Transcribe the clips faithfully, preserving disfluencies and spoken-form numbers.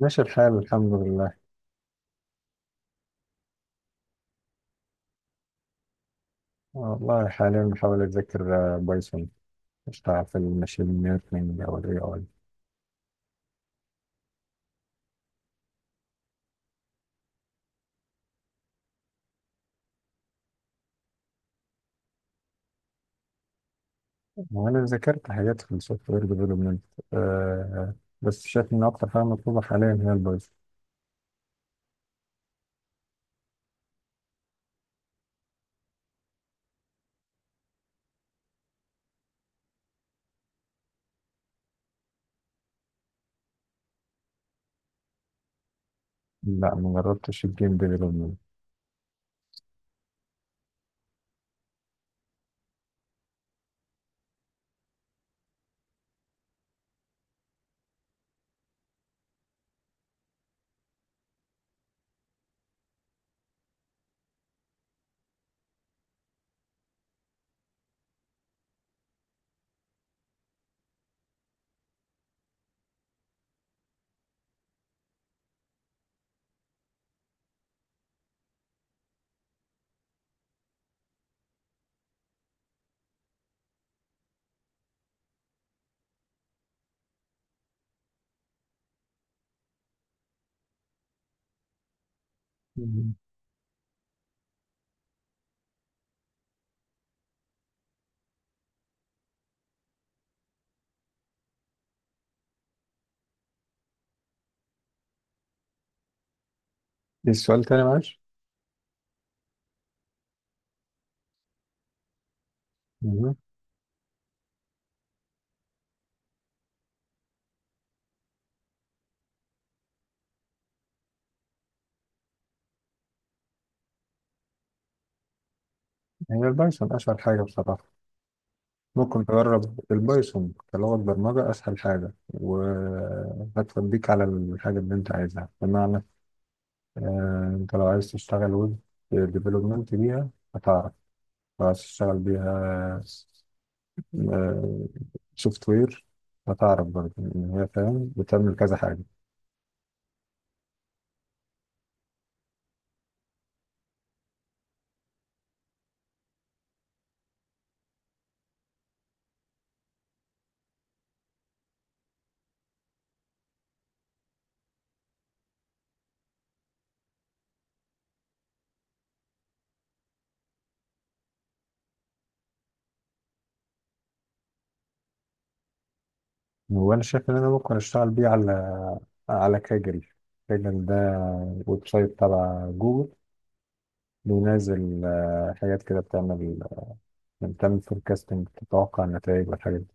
ماشي الحال، الحمد لله. والله حاليا بحاول أتذكر آه، بايثون. أشتغل في الماشين ليرنينج أو ال إيه آي. وأنا ذاكرت حاجات في السوفت وير ديفلوبمنت، بس شايف إن أكتر حاجة مطلوبة حاليا هي البايثون. لا، مجربتش الجيم ديفلوبمنت. إيه؟ السؤال تاني معلش؟ مهم. هي البايثون أسهل حاجة بصراحة. ممكن تجرب البايثون كلغة برمجة، أسهل حاجة، وهتوديك على الحاجة اللي أنت عايزها. بمعنى آه، انت لو عايز تشتغل ويب ديفلوبمنت بيها هتعرف. لو عايز تشتغل بيها سوفت وير هتعرف برضه ان هي فاهم بتعمل كذا حاجه. وانا شايف ان انا ممكن اشتغل بيه على على كاجل. كاجل ده ويب سايت تبع جوجل. بينزل آه، حاجات كده بتعمل، يعني بتعمل فوركاستنج، تتوقع النتائج والحاجات دي.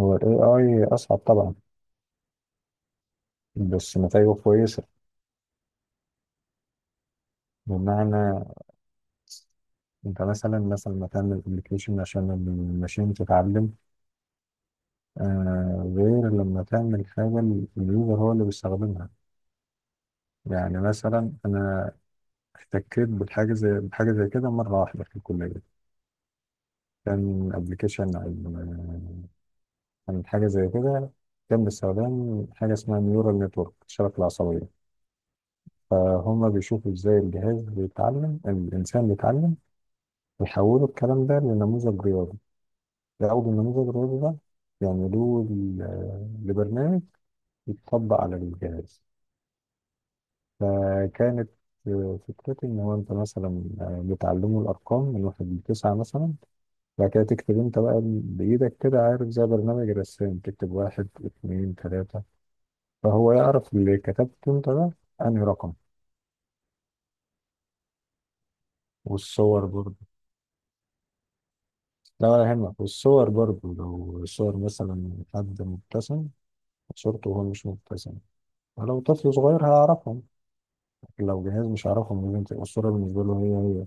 هو الاي اي اصعب طبعا، بس نتائجه كويسه. بمعنى انت مثلا مثلا ما تعمل ابلكيشن عشان الماشين تتعلم، آه غير لما تعمل حاجه اليوزر هو اللي بيستخدمها. يعني مثلا انا احتكيت بالحاجه زي بحاجه زي كده مره واحده في الكليه. كان ابلكيشن عن عن حاجه زي كده. كان باستخدام حاجه اسمها نيورال نتورك، الشبكه العصبيه. فهم بيشوفوا ازاي الجهاز بيتعلم، الانسان بيتعلم، ويحولوا الكلام ده لنموذج رياضي. لا، أو بالنموذج الرياضي ده يعملوه ل- لبرنامج يتطبق على الجهاز. فكانت آه، فكرتي إن هو أنت مثلا آه، بتعلمه الأرقام من واحد لتسعة مثلا. بعد كده تكتب أنت بقى بإيدك كده، عارف، زي برنامج الرسام، تكتب واحد اتنين تلاتة، فهو يعرف اللي كتبته أنت ده أنهي رقم. والصور برضه. لا، ولا يهمك. والصور برضه لو صور مثلا حد مبتسم، صورته وهو مش مبتسم، ولو طفل صغير هيعرفهم، لو جهاز مش هيعرفهم لازم تبقى الصورة بالنسبة له هي هي.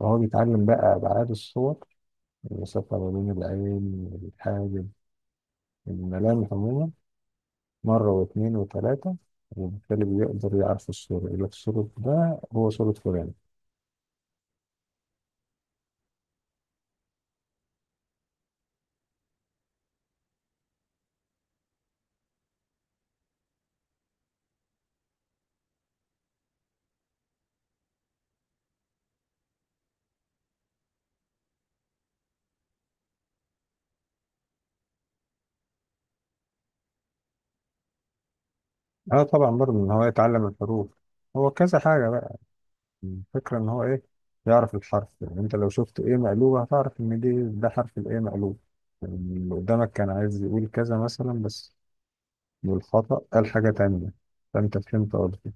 فهو بيتعلم بقى أبعاد الصور، المسافة ما بين العين والحاجب، الملامح عموما، مرة واتنين وتلاتة، وبالتالي بيقدر يعرف الصورة، يقول لك الصورة ده هو صورة فلان. اه، طبعا برضه إن هو يتعلم الحروف. هو كذا حاجة بقى. الفكرة إن هو إيه، يعرف الحرف، يعني أنت لو شفت إيه مقلوبة هتعرف إن دي ده حرف الإيه مقلوب. يعني اللي قدامك كان عايز يقول كذا مثلا، بس بالخطأ قال حاجة تانية، فأنت فهمت قصدي.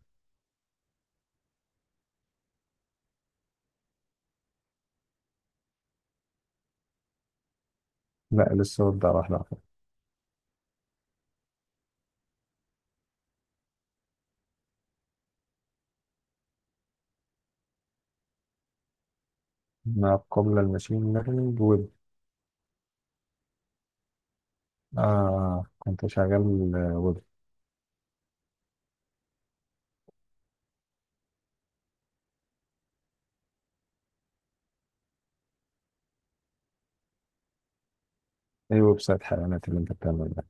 لا، لسه ببدأ واحدة واحدة. ما قبل الماشين ليرنينج ويب. آه، كنت شغال ويب. ايه ويب سايت حيوانات اللي انت بتعمله ده؟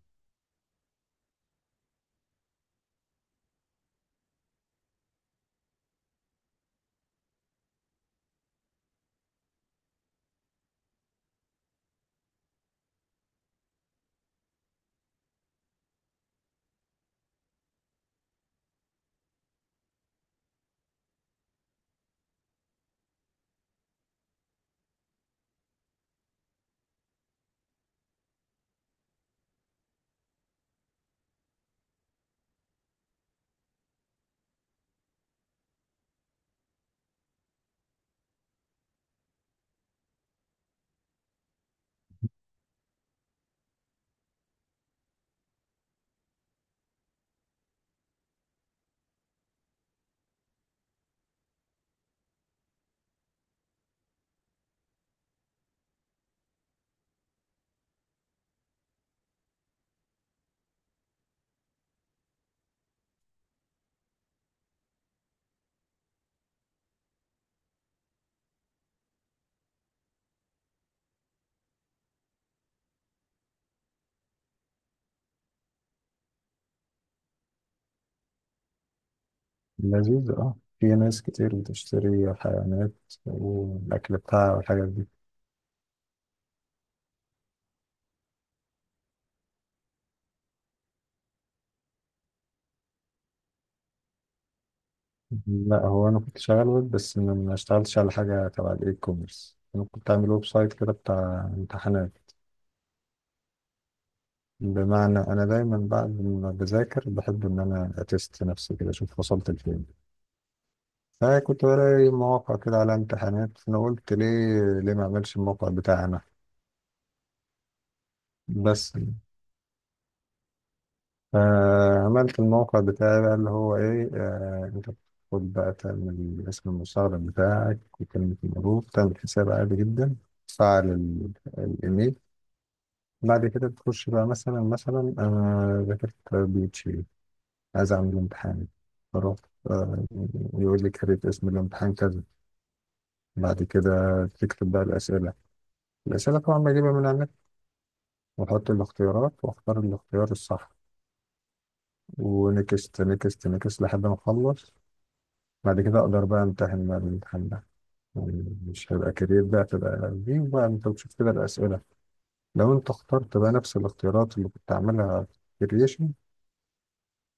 لذيذ، اه، في ناس كتير بتشتري حيوانات والأكل بتاعها والحاجات دي. لا، هو أنا كنت شغال ويب بس ما ما اشتغلتش على حاجة تبع الإي كوميرس. أنا كنت عامل ويب سايت كده بتاع امتحانات. بمعنى أنا دايما بعد ما بذاكر بحب إن أنا أتست نفسي كده، أشوف وصلت لفين. أنا كنت بلاقي مواقع كده على امتحانات، فأنا قلت ليه ليه ما أعملش الموقع بتاعنا؟ بس، فعملت الموقع بتاعي بقى اللي هو إيه، آه أنت بتاخد بقى تعمل اسم المستخدم بتاعك وكلمة المرور، تعمل حساب عادي جدا. تفعل ال- الإيميل. بعد كده بتخش بقى مثلا، مثلا أنا ذاكرت بيتشي، عايز أعمل امتحان. فرحت، آه، يقول لي كريت اسم الامتحان كذا. بعد كده تكتب بقى الأسئلة. الأسئلة طبعا بجيبها من على، واحط الاختيارات واختار الاختيار الصح، ونكست نكست نكست لحد ما اخلص. بعد كده اقدر بقى امتحن بقى الامتحان ده. يعني مش هيبقى كارير، ده هتبقى دي بقى انت بتشوف كده الاسئله. لو انت اخترت بقى نفس الاختيارات اللي كنت عاملها في الكرييشن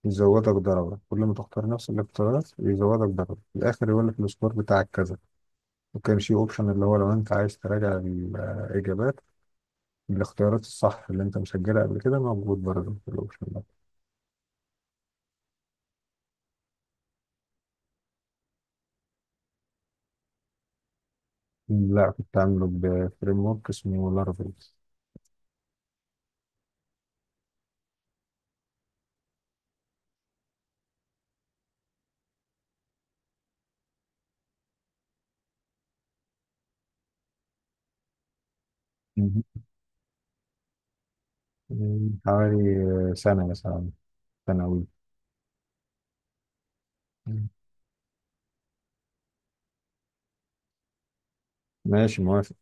يزودك درجه، كل ما تختار نفس الاختيارات يزودك درجه، في الاخر يقول لك السكور بتاعك كذا. وكان في اوبشن اللي هو لو انت عايز تراجع الاجابات بالاختيارات الصح اللي انت مسجلها قبل كده، موجود برضه في الاوبشن ده. لا، كنت عامله بفريم ورك اسمه لارافيل. مهم. من حوالي سنة مثلا، سنة أوي. مم. ماشي، موافق.